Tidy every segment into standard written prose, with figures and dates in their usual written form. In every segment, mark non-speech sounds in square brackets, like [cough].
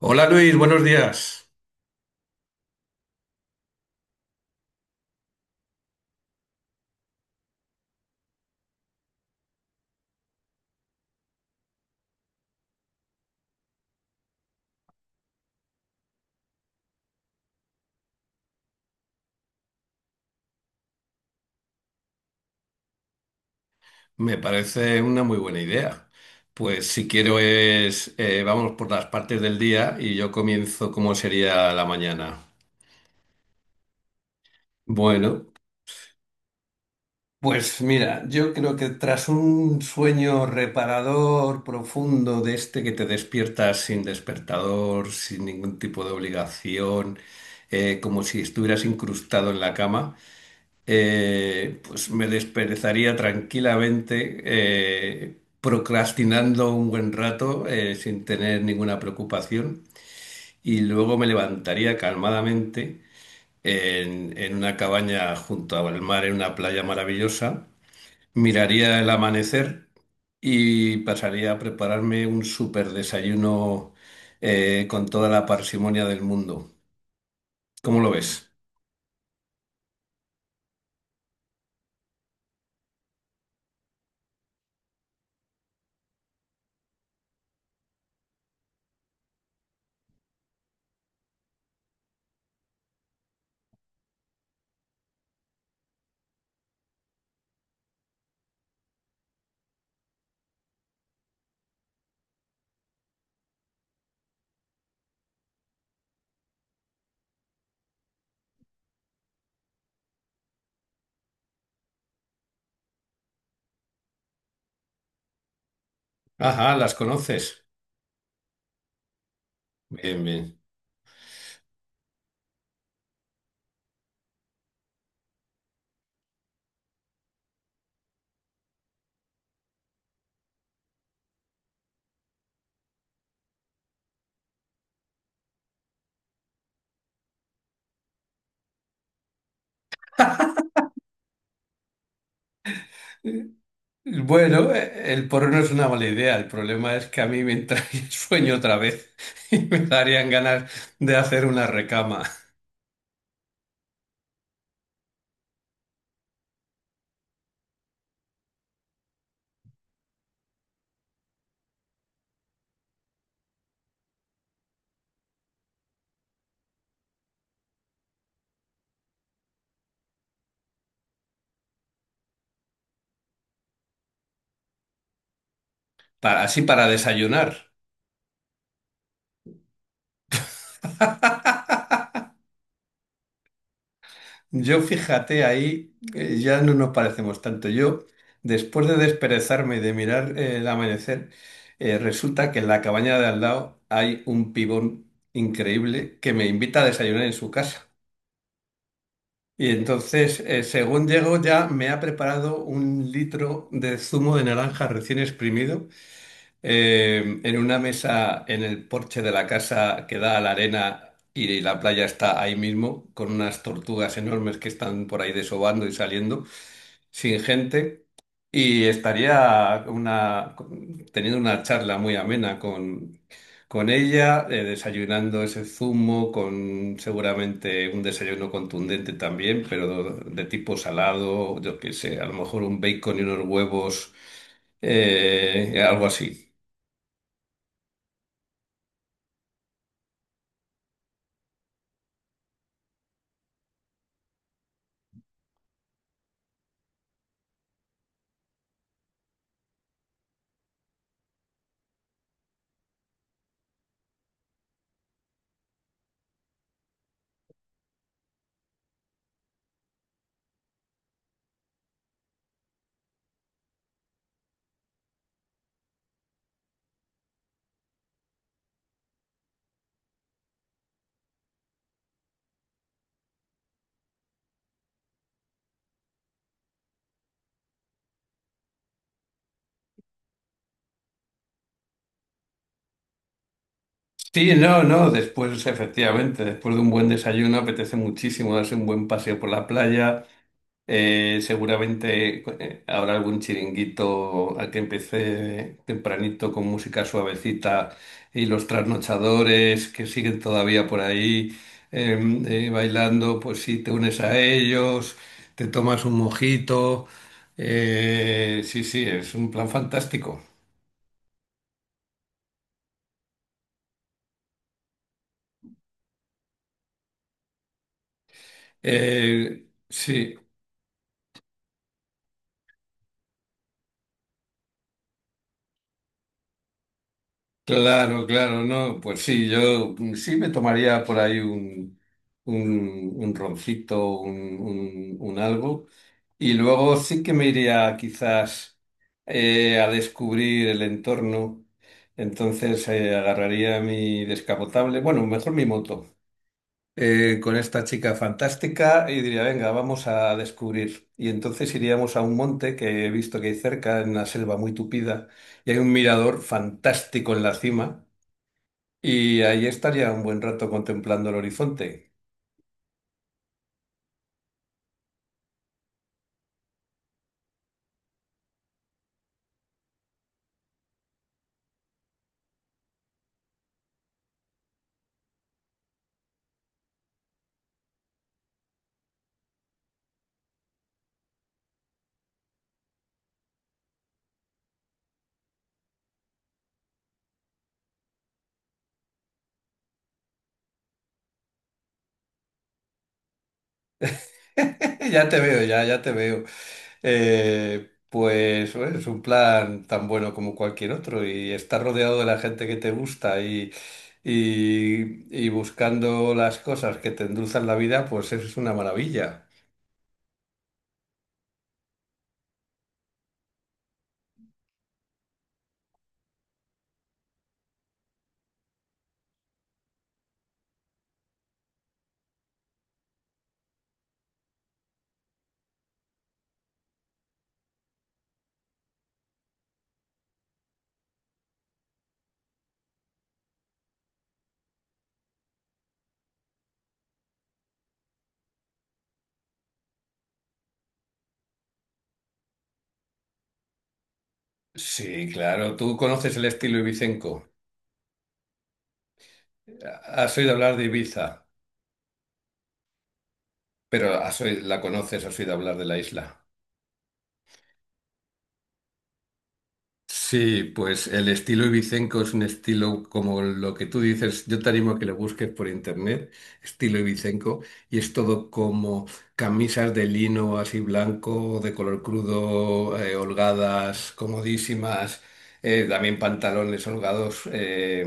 Hola Luis, buenos días. Me parece una muy buena idea. Pues si quiero es, vamos por las partes del día y yo comienzo como sería la mañana. Bueno, pues mira, yo creo que tras un sueño reparador, profundo, de este que te despiertas sin despertador, sin ningún tipo de obligación, como si estuvieras incrustado en la cama. Pues me desperezaría tranquilamente, procrastinando un buen rato, sin tener ninguna preocupación, y luego me levantaría calmadamente en una cabaña junto al mar, en una playa maravillosa, miraría el amanecer y pasaría a prepararme un súper desayuno, con toda la parsimonia del mundo. ¿Cómo lo ves? Ajá, las conoces. Bien, bien. Bueno, el porro no es una mala idea. El problema es que a mí me entra [laughs] el sueño otra vez [laughs] y me darían ganas de hacer una recama, para, así para desayunar. Yo fíjate ahí, ya no nos parecemos tanto. Yo, después de desperezarme y de mirar el amanecer, resulta que en la cabaña de al lado hay un pibón increíble que me invita a desayunar en su casa. Y entonces, según llego, ya me ha preparado un litro de zumo de naranja recién exprimido, en una mesa en el porche de la casa que da a la arena, y la playa está ahí mismo, con unas tortugas enormes que están por ahí desovando y saliendo, sin gente. Y estaría una, teniendo una charla muy amena con ella, desayunando ese zumo, con seguramente un desayuno contundente también, pero de tipo salado, yo qué sé, a lo mejor un bacon y unos huevos, algo así. Sí, no, no, después, efectivamente, después de un buen desayuno apetece muchísimo darse un buen paseo por la playa. Seguramente habrá algún chiringuito al que empecé tempranito con música suavecita, y los trasnochadores que siguen todavía por ahí, eh, bailando, pues sí, te unes a ellos, te tomas un mojito. Sí, sí, es un plan fantástico. Sí. Claro, claro, no, pues sí, yo mm, sí me tomaría por ahí un, un roncito, un, un algo, y luego sí que me iría quizás, a descubrir el entorno. Entonces, agarraría mi descapotable, bueno, mejor mi moto, con esta chica fantástica y diría, venga, vamos a descubrir. Y entonces iríamos a un monte que he visto que hay cerca, en una selva muy tupida, y hay un mirador fantástico en la cima. Y ahí estaría un buen rato contemplando el horizonte. [laughs] Ya te veo, ya, ya te veo. Pues bueno, es un plan tan bueno como cualquier otro, y estar rodeado de la gente que te gusta y buscando las cosas que te endulzan la vida, pues eso es una maravilla. Sí, claro, tú conoces el estilo ibicenco. Has oído hablar de Ibiza, pero la conoces, has oído hablar de la isla. Sí, pues el estilo ibicenco es un estilo como lo que tú dices. Yo te animo a que lo busques por internet, estilo ibicenco, y es todo como camisas de lino así blanco, de color crudo, holgadas, comodísimas, también pantalones holgados, eh,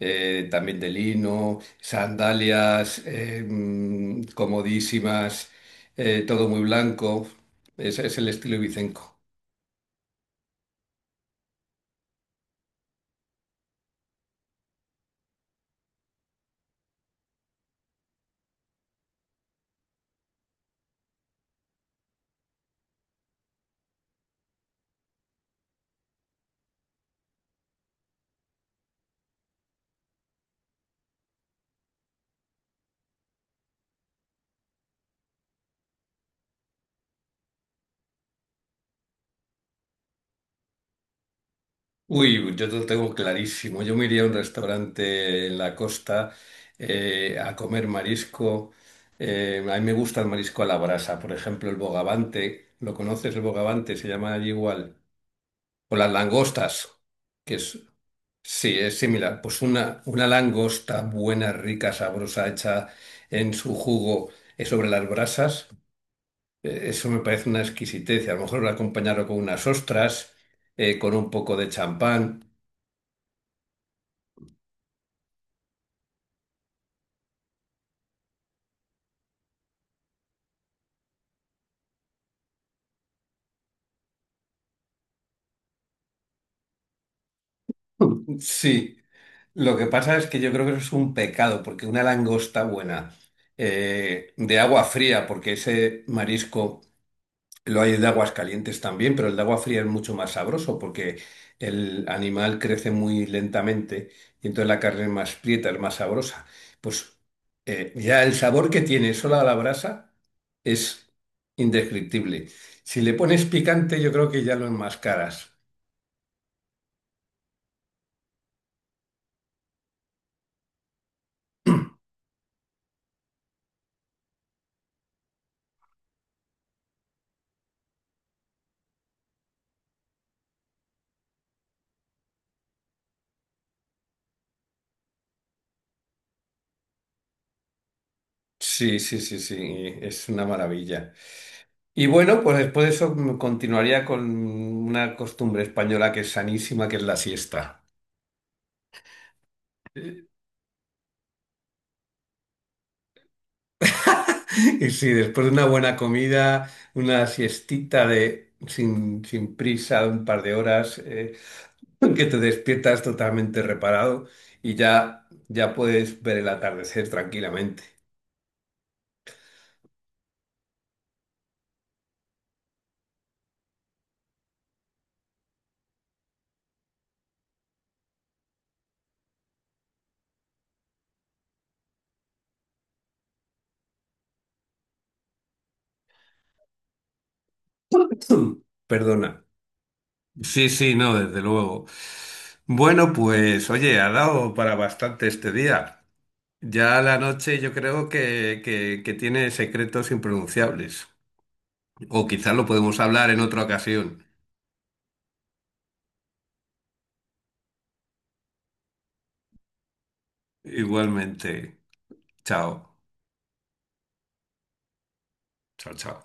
eh, también de lino, sandalias, mm, comodísimas, todo muy blanco. Ese es el estilo ibicenco. Uy, yo te lo tengo clarísimo. Yo me iría a un restaurante en la costa, a comer marisco. A mí me gusta el marisco a la brasa. Por ejemplo, el bogavante. ¿Lo conoces el bogavante? Se llama allí igual. O las langostas, que es... Sí, es similar. Pues una langosta buena, rica, sabrosa, hecha en su jugo, sobre las brasas. Eso me parece una exquisitez. Y a lo mejor acompañarlo con unas ostras, con un poco de champán. Sí, lo que pasa es que yo creo que eso es un pecado, porque una langosta buena, de agua fría, porque ese marisco lo hay de aguas calientes también, pero el de agua fría es mucho más sabroso porque el animal crece muy lentamente, y entonces la carne es más prieta, es más sabrosa. Pues ya el sabor que tiene sola a la brasa es indescriptible. Si le pones picante, yo creo que ya lo enmascaras. Sí, sí, sí, sí, es una maravilla. Y bueno, pues después de eso, mm, continuaría con una costumbre española que es sanísima, que es la siesta. [laughs] Y sí, después de una buena comida, una siestita de sin prisa, de un par de horas, [laughs] que te despiertas totalmente reparado y ya, ya puedes ver el atardecer tranquilamente. [clears throat] Perdona. Sí, sí, no, desde luego. Bueno, pues oye, ha dado para bastante este día. Ya la noche yo creo que tiene secretos impronunciables. O quizás lo podemos hablar en otra ocasión. Igualmente. Chao. Chao, chao.